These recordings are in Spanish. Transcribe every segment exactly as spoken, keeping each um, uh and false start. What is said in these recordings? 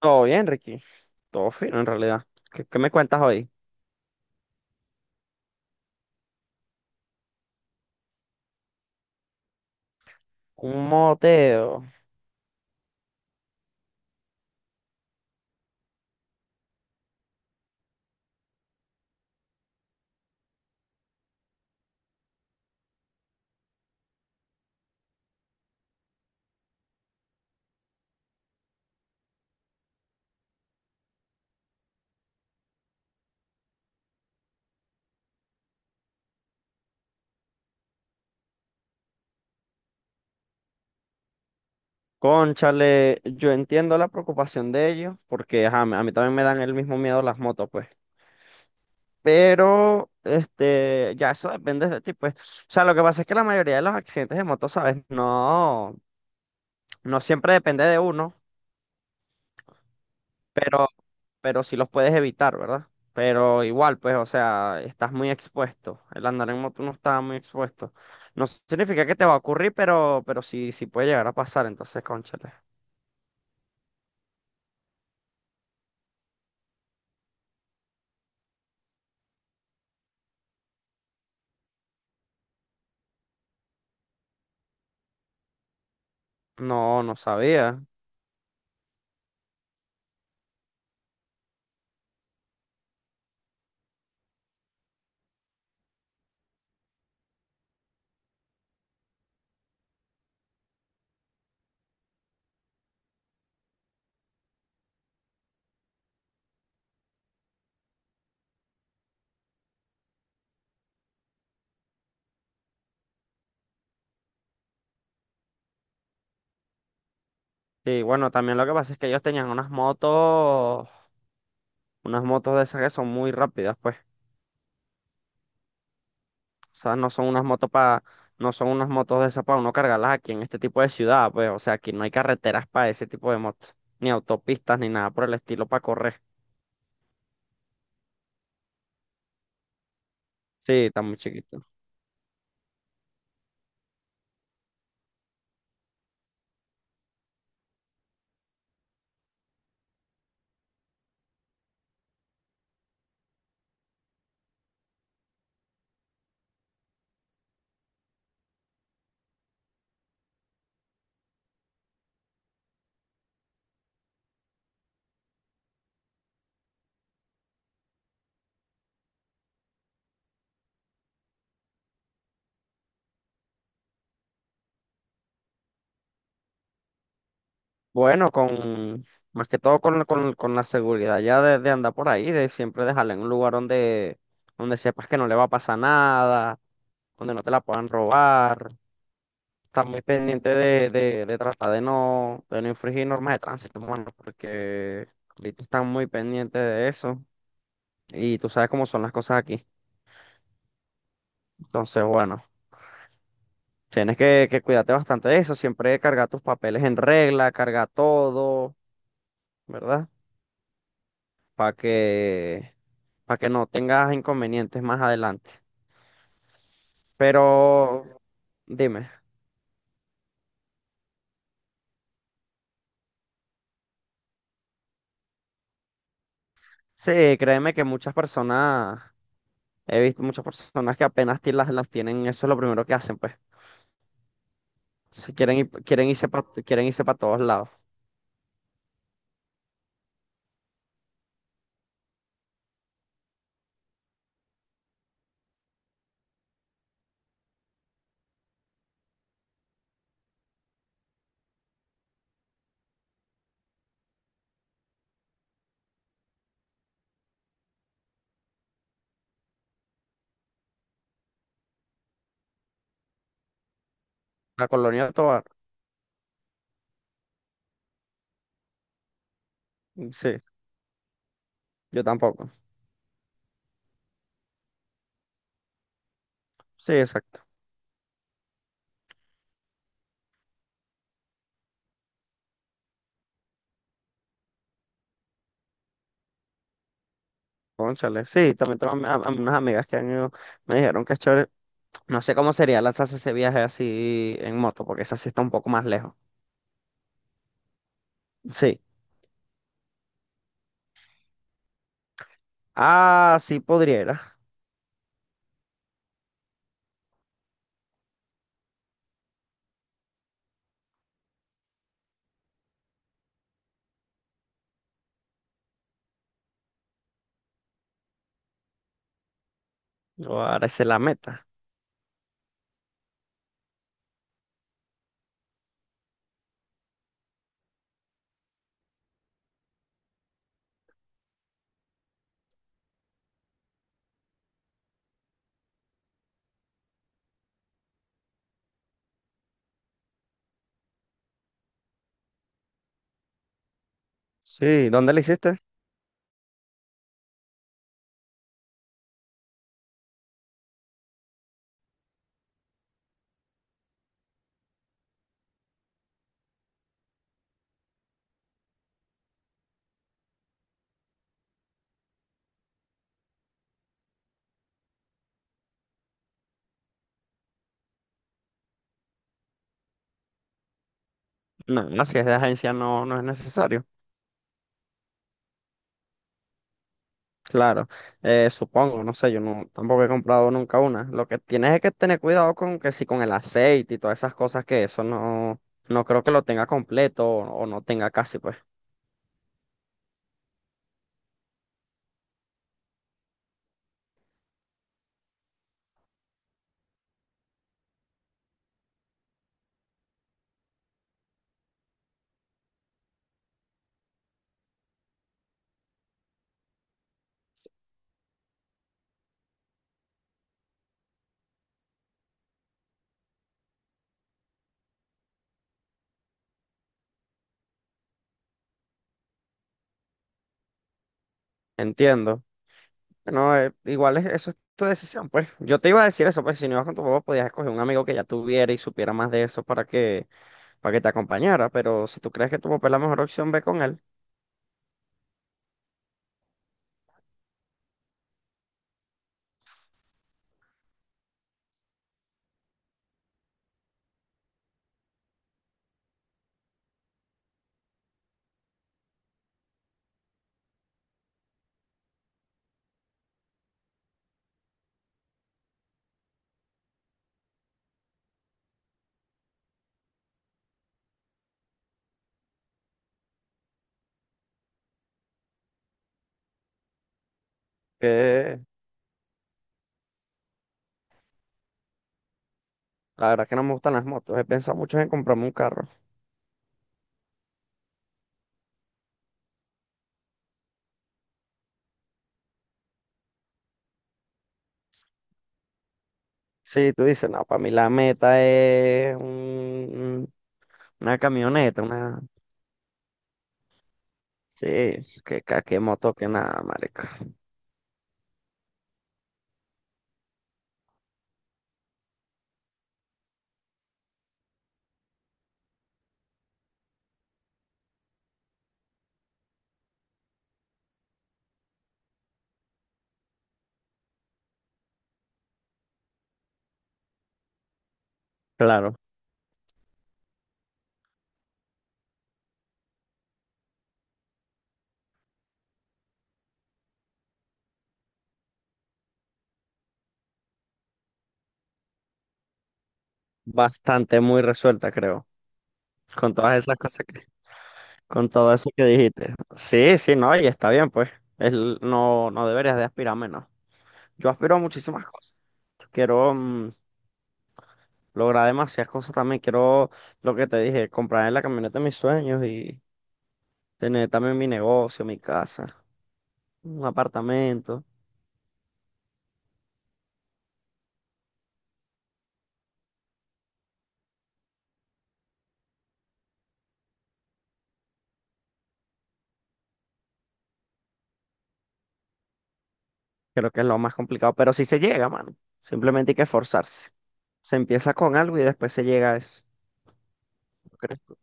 Todo bien, Ricky. Todo fino, en realidad. ¿Qué, qué me cuentas hoy? Un moteo. Cónchale, yo entiendo la preocupación de ellos, porque ajá, a mí a mí también me dan el mismo miedo las motos, pues. Pero, este, ya eso depende de ti, pues. O sea, lo que pasa es que la mayoría de los accidentes de motos, ¿sabes? No, no siempre depende de uno. Pero sí los puedes evitar, ¿verdad? Pero igual, pues, o sea, estás muy expuesto. El andar en moto no está muy expuesto. No significa que te va a ocurrir, pero, pero sí, sí puede llegar a pasar. Entonces, cónchale. No, no sabía. Y bueno, también lo que pasa es que ellos tenían unas motos, unas motos de esas que son muy rápidas, pues. O sea, no son unas motos para, no son unas motos de esas para uno cargarlas aquí en este tipo de ciudad, pues. O sea, aquí no hay carreteras para ese tipo de motos, ni autopistas, ni nada por el estilo para correr. Sí, está muy chiquito. Bueno, con más que todo con, con- con la seguridad ya de, de andar por ahí, de siempre dejarla en un lugar donde, donde sepas que no le va a pasar nada, donde no te la puedan robar. Estar muy pendiente de, de, de tratar de no, de no infringir normas de tránsito, mano, porque ahorita están muy pendientes de eso y tú sabes cómo son las cosas aquí. Entonces, bueno, tienes que, que cuidarte bastante de eso, siempre cargar tus papeles en regla, cargar todo, ¿verdad? Para que, para que no tengas inconvenientes más adelante. Pero dime, sí, créeme que muchas personas, he visto muchas personas que apenas ti- las, las tienen, eso es lo primero que hacen, pues. Si quieren, ir- quieren irse para, quieren irse para todos lados. La colonia de Tovar, mm, sí, yo tampoco. Sí, exacto. Cónchale, sí, también tengo am- am- unas amigas que han ido, me dijeron que es chévere. No sé cómo sería lanzarse ese viaje así en moto, porque esa sí está un poco más lejos. Sí. Ah, sí podría. Ahora esa es la meta. Sí, ¿dónde la hiciste? No, no, si es de agencia no, no es necesario. Claro, eh, supongo, no sé, yo no, tampoco he comprado nunca una. Lo que tienes es que tener cuidado con que si con el aceite y todas esas cosas que eso no, no creo que lo tenga completo o, o no tenga casi, pues. Entiendo. No, eh, igual es, eso es tu decisión, pues. Yo te iba a decir eso, pues si no ibas con tu papá podías escoger un amigo que ya tuviera y supiera más de eso para que, para que te acompañara, pero si tú crees que tu papá es la mejor opción, ve con él. La verdad que no me gustan las motos. He pensado mucho en comprarme un carro. Sí, tú dices, no, para mí la meta es un- una camioneta, una... Sí, es que, que, que moto que nada, marica. Claro, bastante muy resuelta, creo. Con todas esas cosas que... Con todo eso que dijiste. Sí, sí, no, y está bien, pues. Es l- no, no deberías de aspirar menos. Yo aspiro a muchísimas cosas. Yo quiero mm, lograr demasiadas cosas también. Quiero, lo que te dije, comprar la camioneta de mis sueños y... Tener también mi negocio, mi casa, un apartamento. Creo que es lo más complicado, pero sí se llega, mano. Simplemente hay que esforzarse. Se empieza con algo y después se llega a eso. ¿No crees tú?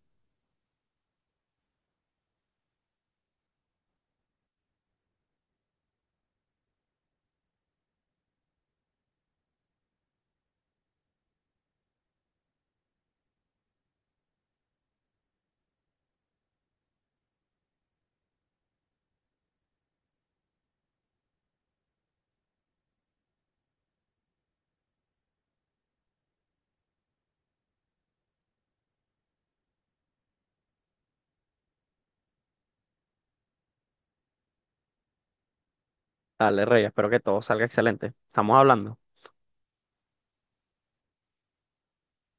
Dale, Rey, espero que todo salga excelente. Estamos hablando.